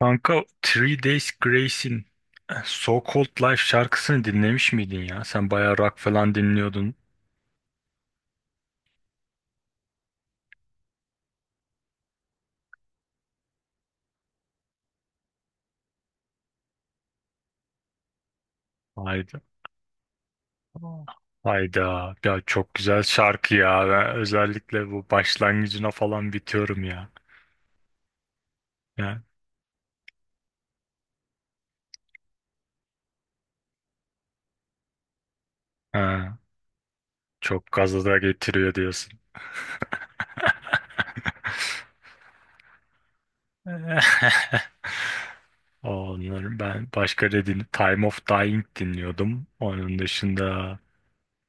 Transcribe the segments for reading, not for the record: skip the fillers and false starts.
Kanka Three Days Grace'in So Called Life şarkısını dinlemiş miydin ya? Sen bayağı rock falan dinliyordun. Hayda. Hayda. Ya çok güzel şarkı ya. Ben özellikle bu başlangıcına falan bitiyorum ya. Ya. Ha, çok gaza da getiriyor diyorsun. Onları ben başka ne din Time of Dying dinliyordum. Onun dışında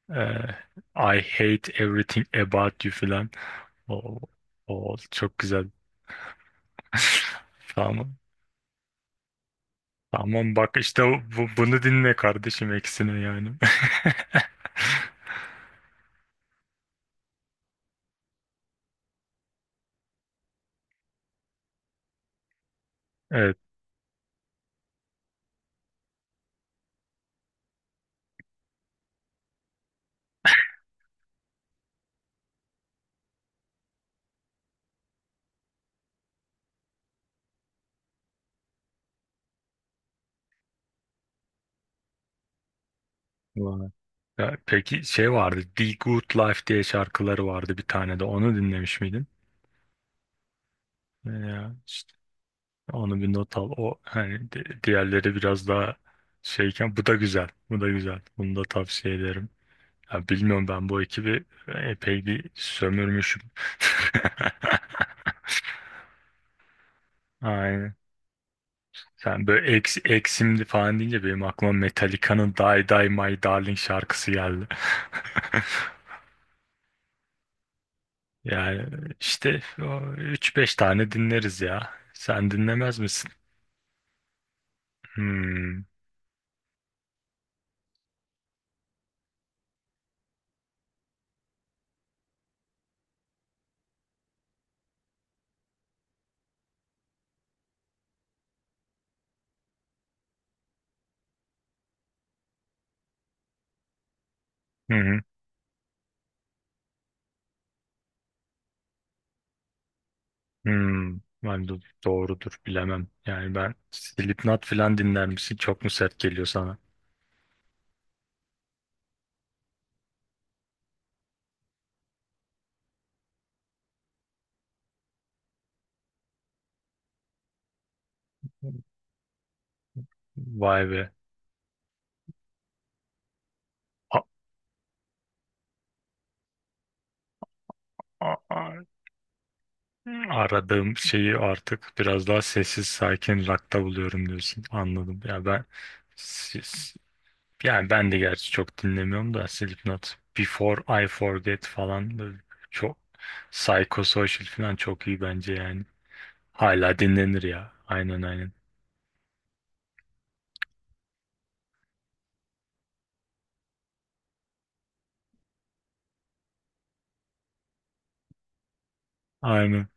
eh, I Hate Everything About You falan. O, o çok güzel. Tamam. Tamam bak işte bunu dinle kardeşim eksine yani. Evet. Vay. Ya, peki şey vardı. The Good Life diye şarkıları vardı bir tane de. Onu dinlemiş miydin? Ya işte onu bir not al. O hani diğerleri biraz daha şeyken bu da güzel. Bu da güzel. Bunu da tavsiye ederim. Ya bilmiyorum ben bu ekibi epey bir sömürmüşüm. Aynen. Sen böyle eksimdi falan deyince benim aklıma Metallica'nın Die Die My Darling şarkısı geldi. Yani işte üç beş tane dinleriz ya. Sen dinlemez misin? Hmm. Hı hı. Hmm. Ben de doğrudur bilemem. Yani ben Slipknot falan dinler misin? Çok mu sert geliyor sana? Vay be. A- a- a- Aradığım şeyi artık biraz daha sessiz sakin rock'ta buluyorum diyorsun. Anladım. Ya ben si, si, yani ben de gerçi çok dinlemiyorum da Slipknot, Before I Forget falan böyle çok psychosocial falan çok iyi bence yani. Hala dinlenir ya. Aynen aynen. Aynen.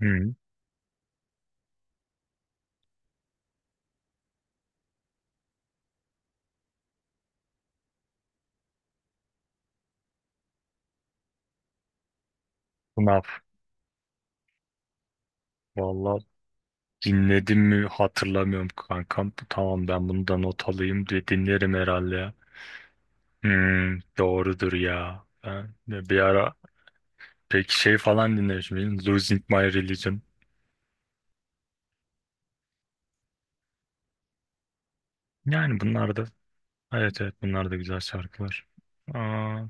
Hı. Snap. Valla dinledim mi hatırlamıyorum kankam. Tamam ben bunu da not alayım diye dinlerim herhalde ya. Hmm, doğrudur ya. Ben de bir ara peki şey falan dinlemişim. Benim Losing My Religion. Yani bunlar da evet evet bunlar da güzel şarkılar. Aa.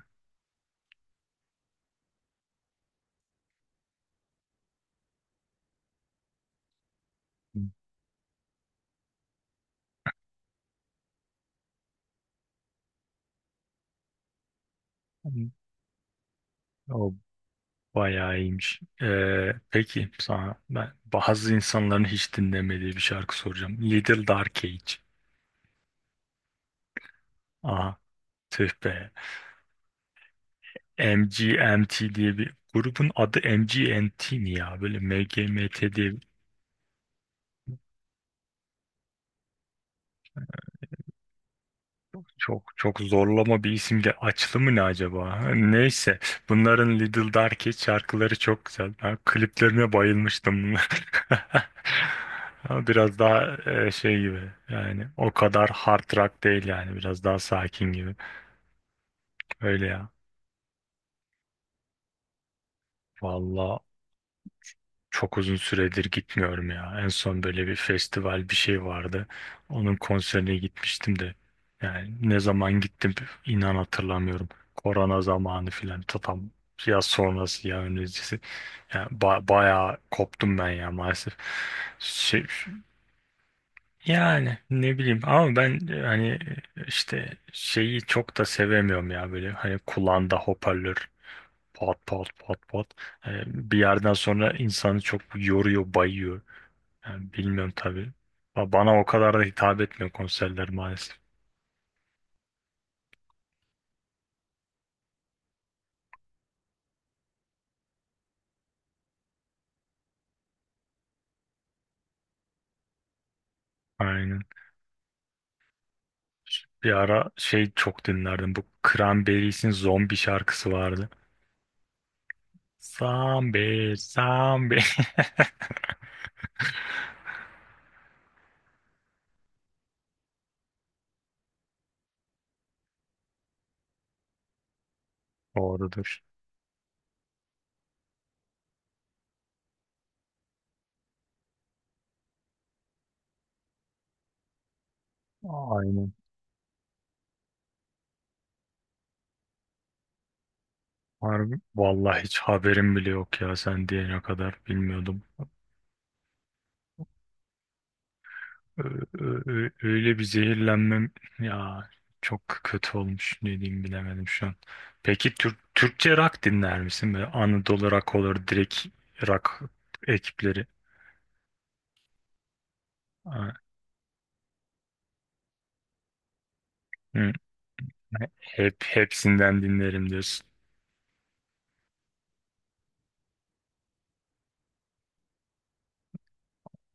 Hmm. O bayağı iyiymiş. Peki sana ben bazı insanların hiç dinlemediği bir şarkı soracağım. Little Dark Age. Aha tüh be. M G M T diye bir grubun adı M G M T mi ya? Böyle M M G M T diye çok çok zorlama bir isimdi. Açlı mı ne acaba? Neyse. Bunların Little Darky şarkıları çok güzel. Ben kliplerine bayılmıştım bunlar. Ama biraz daha şey gibi. Yani o kadar hard rock değil yani. Biraz daha sakin gibi. Öyle ya. Vallahi çok uzun süredir gitmiyorum ya. En son böyle bir festival bir şey vardı. Onun konserine gitmiştim de. Yani ne zaman gittim inan hatırlamıyorum. Korona zamanı filan ta tam ya sonrası ya öncesi. Yani bayağı koptum ben ya maalesef. Şey- Yani ne bileyim ama ben hani işte şeyi çok da sevemiyorum ya böyle hani kulağında hoparlör pat pat pat pat. Ee, bir yerden sonra insanı çok yoruyor, bayıyor. Yani bilmiyorum tabii. Bana o kadar da hitap etmiyor konserler maalesef. Aynen. Bir ara şey çok dinlerdim. Bu Cranberries'in zombi şarkısı vardı. Zombie, zombie. Doğrudur. Aynen. Harbi. Vallahi hiç haberim bile yok ya sen diyene kadar bilmiyordum. Öyle bir zehirlenmem ya çok kötü olmuş ne diyeyim bilemedim şu an. Peki Türkçe rock dinler misin? Böyle Anadolu rock olur direkt rock ekipleri. Ha, hı. Hep hepsinden dinlerim diyorsun.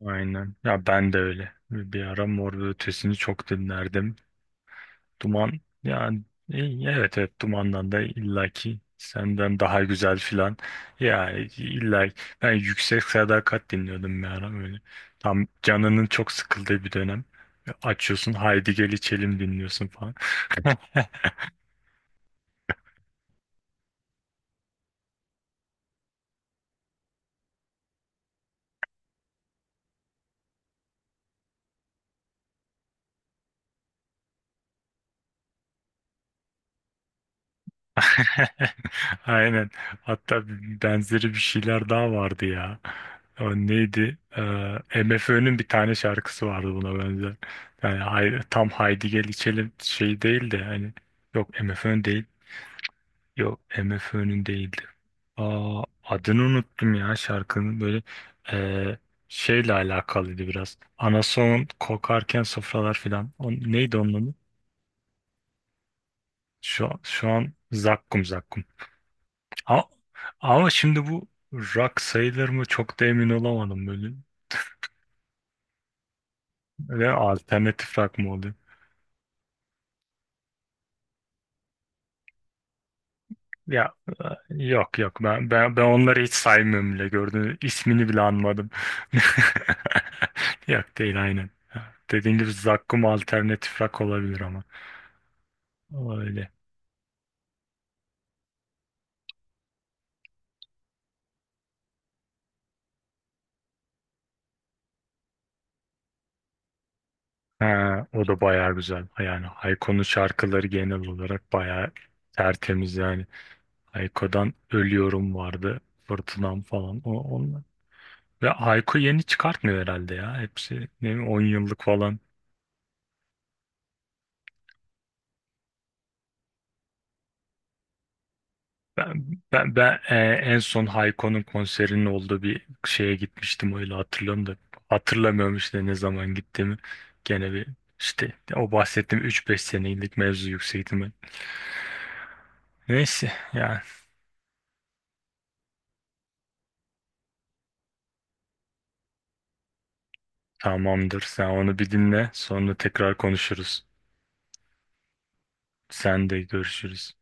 Aynen. Ya ben de öyle. Bir ara Mor ve Ötesi'ni çok dinlerdim. Duman yani e, evet evet dumandan da illaki senden daha güzel filan. Yani illa ben yüksek sadakat dinliyordum bir ara böyle. Tam canının çok sıkıldığı bir dönem. Açıyorsun Haydi Gel İçelim dinliyorsun falan. Aynen. Hatta benzeri bir şeyler daha vardı ya. O neydi? MFÖ'nün bir tane şarkısı vardı buna benzer. Yani tam Haydi Gel İçelim şey değil de hani yok MFÖ değil. Yok MFÖ'nün değildi. Aa, adını unuttum ya şarkının böyle eee, şeyle alakalıydı biraz. Anason kokarken sofralar filan. O, neydi onun adı? Şu an zakkum zakkum. Ama, ama şimdi bu rock sayılır mı çok da emin olamadım böyle. Ve alternatif rock mı? Ya e, yok yok ben onları hiç saymıyorum bile gördüğünüz ismini bile anmadım. Yok değil aynen. Dediğim gibi Zakkum alternatif rock olabilir ama. Ama öyle. Ha, o da bayağı güzel. Yani Hayko'nun şarkıları genel olarak bayağı tertemiz yani. Hayko'dan Ölüyorum vardı. Fırtınam falan. O, onlar. Ve Hayko yeni çıkartmıyor herhalde ya. Hepsi ne, bileyim, 10 yıllık falan. Ben, ben en son Hayko'nun konserinin olduğu bir şeye gitmiştim öyle hatırlıyorum da hatırlamıyorum işte ne zaman gittiğimi. Gene bir işte o bahsettiğim üç beş senelik mevzu yüksek ihtimal. Neyse yani tamamdır sen onu bir dinle sonra tekrar konuşuruz. Sen de görüşürüz.